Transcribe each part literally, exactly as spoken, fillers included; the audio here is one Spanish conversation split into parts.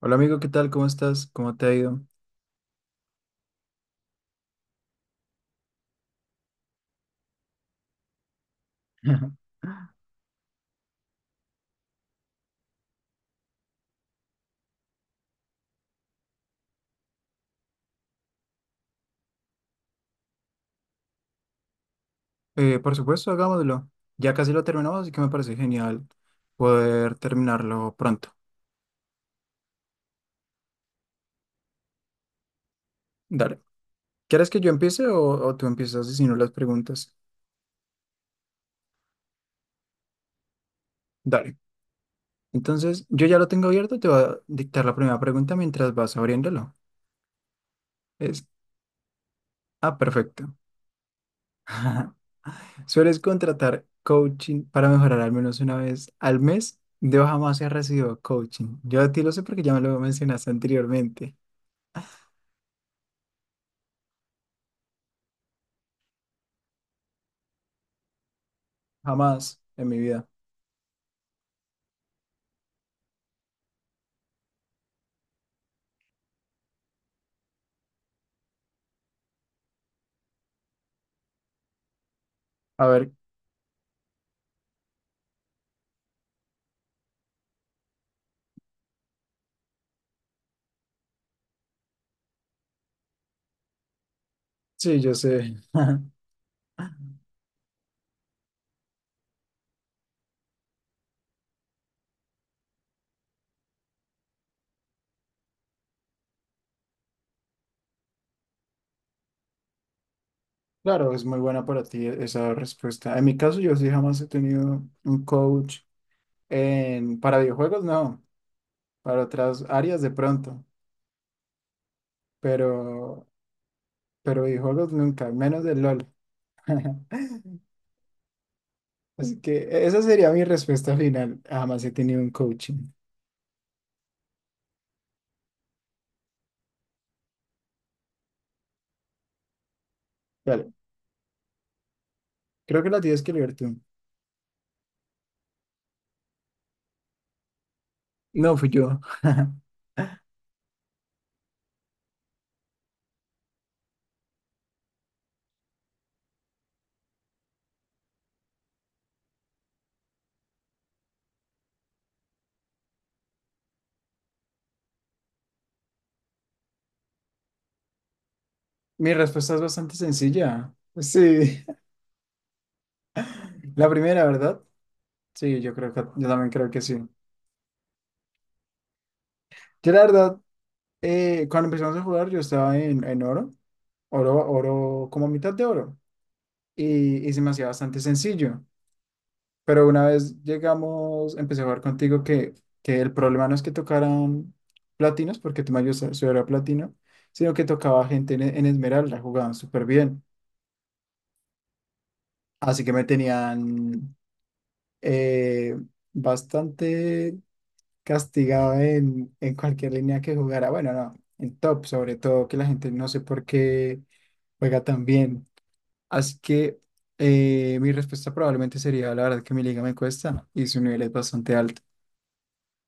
Hola amigo, ¿qué tal? ¿Cómo estás? ¿Cómo te ha ido? Eh, por supuesto, hagámoslo. Ya casi lo terminamos, así que me parece genial poder terminarlo pronto. Dale. ¿Quieres que yo empiece o, o tú empiezas si no las preguntas? Dale. Entonces, yo ya lo tengo abierto, te voy a dictar la primera pregunta mientras vas abriéndolo. Es, ah, perfecto. ¿Sueles contratar coaching para mejorar al menos una vez al mes? Yo jamás he recibido coaching. Yo a ti lo sé porque ya me lo mencionaste anteriormente. Jamás en mi vida. A ver, sí, yo sé. Claro, es muy buena para ti e- esa respuesta. En mi caso, yo sí jamás he tenido un coach en, para videojuegos, no, para otras áreas de pronto, pero, pero videojuegos nunca, menos del LOL. Así que e, esa sería mi respuesta final. Jamás he tenido un coaching. Vale, creo que la tienes que leer tú. No fui yo. Mi respuesta es bastante sencilla. Sí, la primera, ¿verdad? Sí, yo creo que yo también creo que sí. Yo la verdad. Eh, cuando empezamos a jugar, yo estaba en, en oro, oro, oro, como mitad de oro, y, y se me hacía bastante sencillo. Pero una vez llegamos, empecé a jugar contigo que, que el problema no es que tocaran platinos, porque tú me ayudas a subir a platino, sino que tocaba gente en, en esmeralda, jugaban súper bien. Así que me tenían eh, bastante castigado en, en cualquier línea que jugara. Bueno, no, en top, sobre todo, que la gente no sé por qué juega tan bien. Así que eh, mi respuesta probablemente sería, la verdad que mi liga me cuesta y su nivel es bastante alto.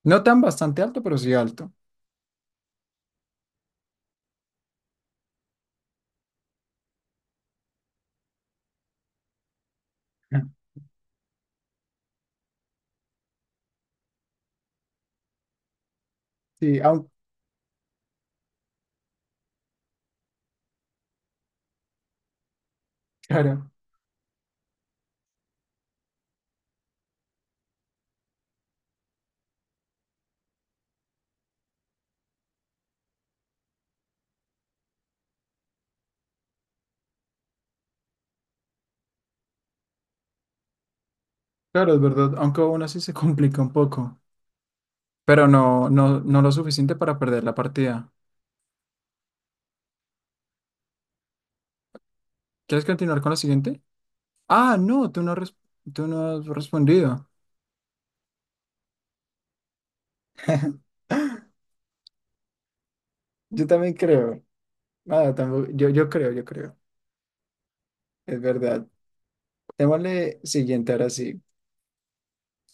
No tan bastante alto, pero sí alto. Sí, aunque, claro, claro, es verdad, aunque aún así se complica un poco, pero no, no, no lo suficiente para perder la partida. ¿Quieres continuar con la siguiente? Ah, no, tú no has, res- tú no has respondido. Yo también creo. Nada, tampoco, yo, yo creo, yo creo. Es verdad. Démosle siguiente ahora sí.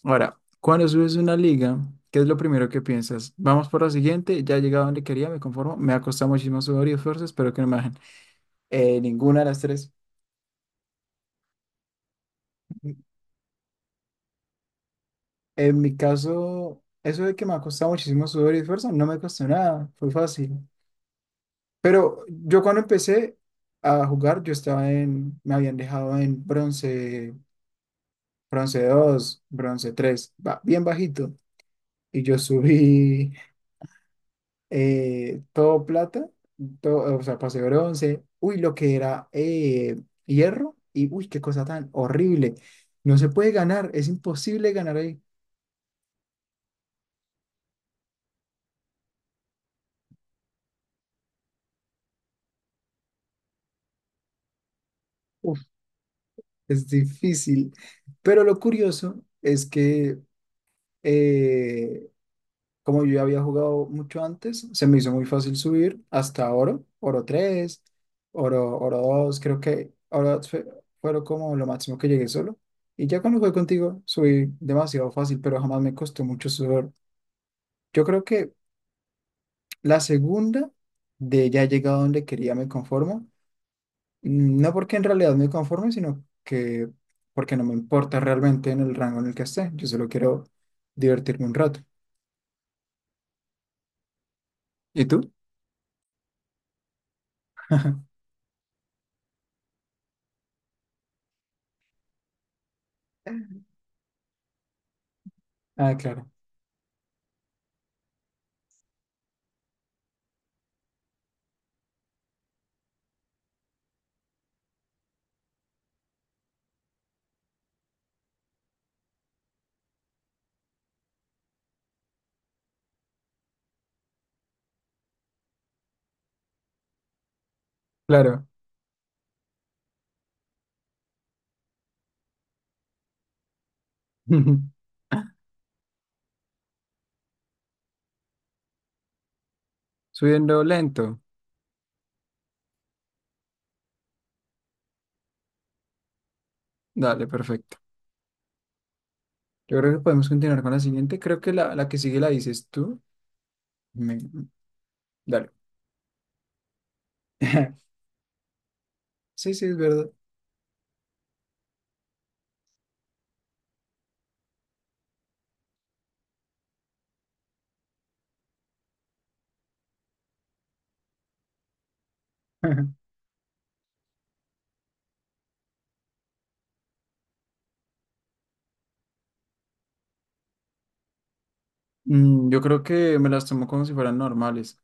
Ahora, cuando subes una liga, ¿qué es lo primero que piensas? Vamos por la siguiente, ya he llegado donde quería, me conformo, me ha costado muchísimo sudor y esfuerzo, espero que no me bajen. Eh, ninguna de las tres. En mi caso, eso de que me ha costado muchísimo sudor y esfuerzo, no me costó nada, fue fácil. Pero yo cuando empecé a jugar, yo estaba en, me habían dejado en bronce, bronce dos, bronce tres, ba- bien bajito. Y yo subí eh, todo plata, todo, o sea, pasé bronce, uy, lo que era eh, hierro, y uy, qué cosa tan horrible. No se puede ganar, es imposible ganar ahí. Uf, es difícil. Pero lo curioso es que eh, como yo ya había jugado mucho antes, se me hizo muy fácil subir hasta oro, oro tres, oro, oro dos, creo que oro fue, fueron como lo máximo que llegué solo. Y ya cuando jugué contigo, subí demasiado fácil, pero jamás me costó mucho subir. Yo creo que la segunda de ya he llegado donde quería me conformo. Mm, No porque en realidad me conforme, sino que porque no me importa realmente en el rango en el que esté. Yo solo quiero divertirme un rato. ¿Y tú? Ah, claro. Claro. Subiendo lento. Dale, perfecto. Yo creo que podemos continuar con la siguiente. Creo que la, la que sigue la dices tú. Me- Dale. Sí, sí, es verdad. Mm, yo creo que me las tomo como si fueran normales.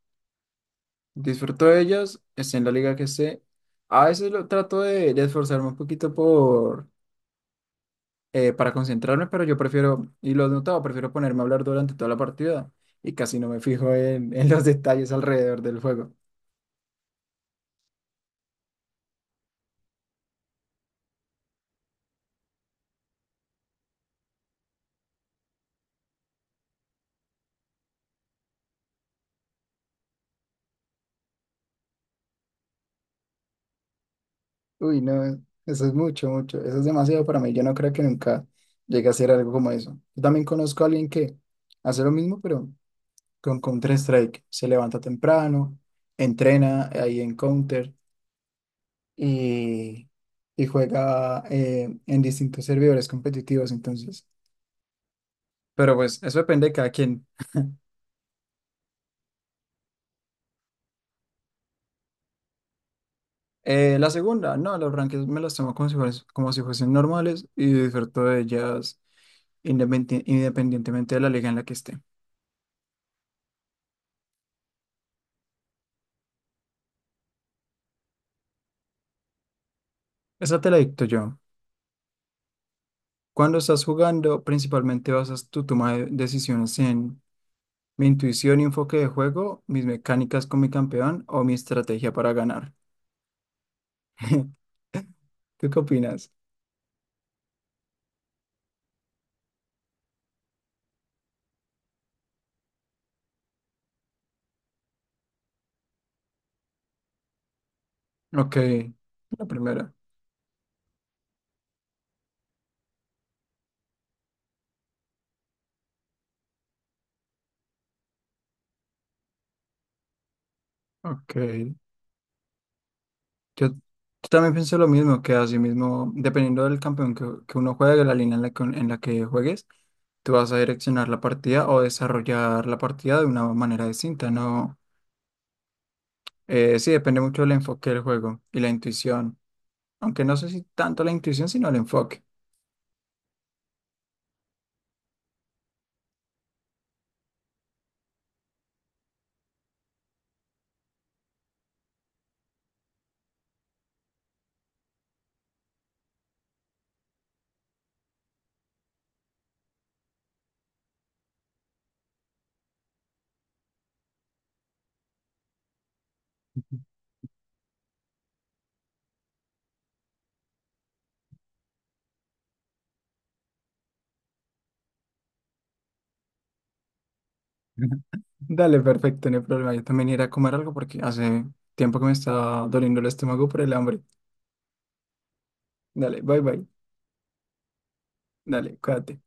Disfruto de ellas, esté en la liga que esté. A veces lo trato de, de esforzarme un poquito por, eh, para concentrarme, pero yo prefiero, y lo he notado, prefiero ponerme a hablar durante toda la partida y casi no me fijo en, en los detalles alrededor del juego. Uy, no, eso es mucho, mucho, eso es demasiado para mí. Yo no creo que nunca llegue a hacer algo como eso. Yo también conozco a alguien que hace lo mismo, pero con Counter-Strike. Se levanta temprano, entrena ahí en Counter y, y juega eh, en distintos servidores competitivos, entonces. Pero pues eso depende de cada quien. Eh, la segunda, no, los rankings me los tomo como si fues- como si fuesen normales y disfruto de ellas independi- independientemente de la liga en la que esté. Esa te la dicto yo. Cuando estás jugando, principalmente basas tu toma de decisiones en mi intuición y enfoque de juego, mis mecánicas con mi campeón o mi estrategia para ganar. ¿Tú qué opinas? Ok, la primera. Ok, yo, yo también pienso lo mismo, que así mismo, dependiendo del campeón que, que uno juegue, de la línea en la que, en la que juegues, tú vas a direccionar la partida o desarrollar la partida de una manera distinta, ¿no? Eh, sí, depende mucho del enfoque del juego y la intuición. Aunque no sé si tanto la intuición, sino el enfoque. Ujú. Dale, perfecto, no hay problema. Yo también iré a comer algo porque hace tiempo que me está doliendo el estómago por el hambre. Dale, bye bye. Dale, cuídate.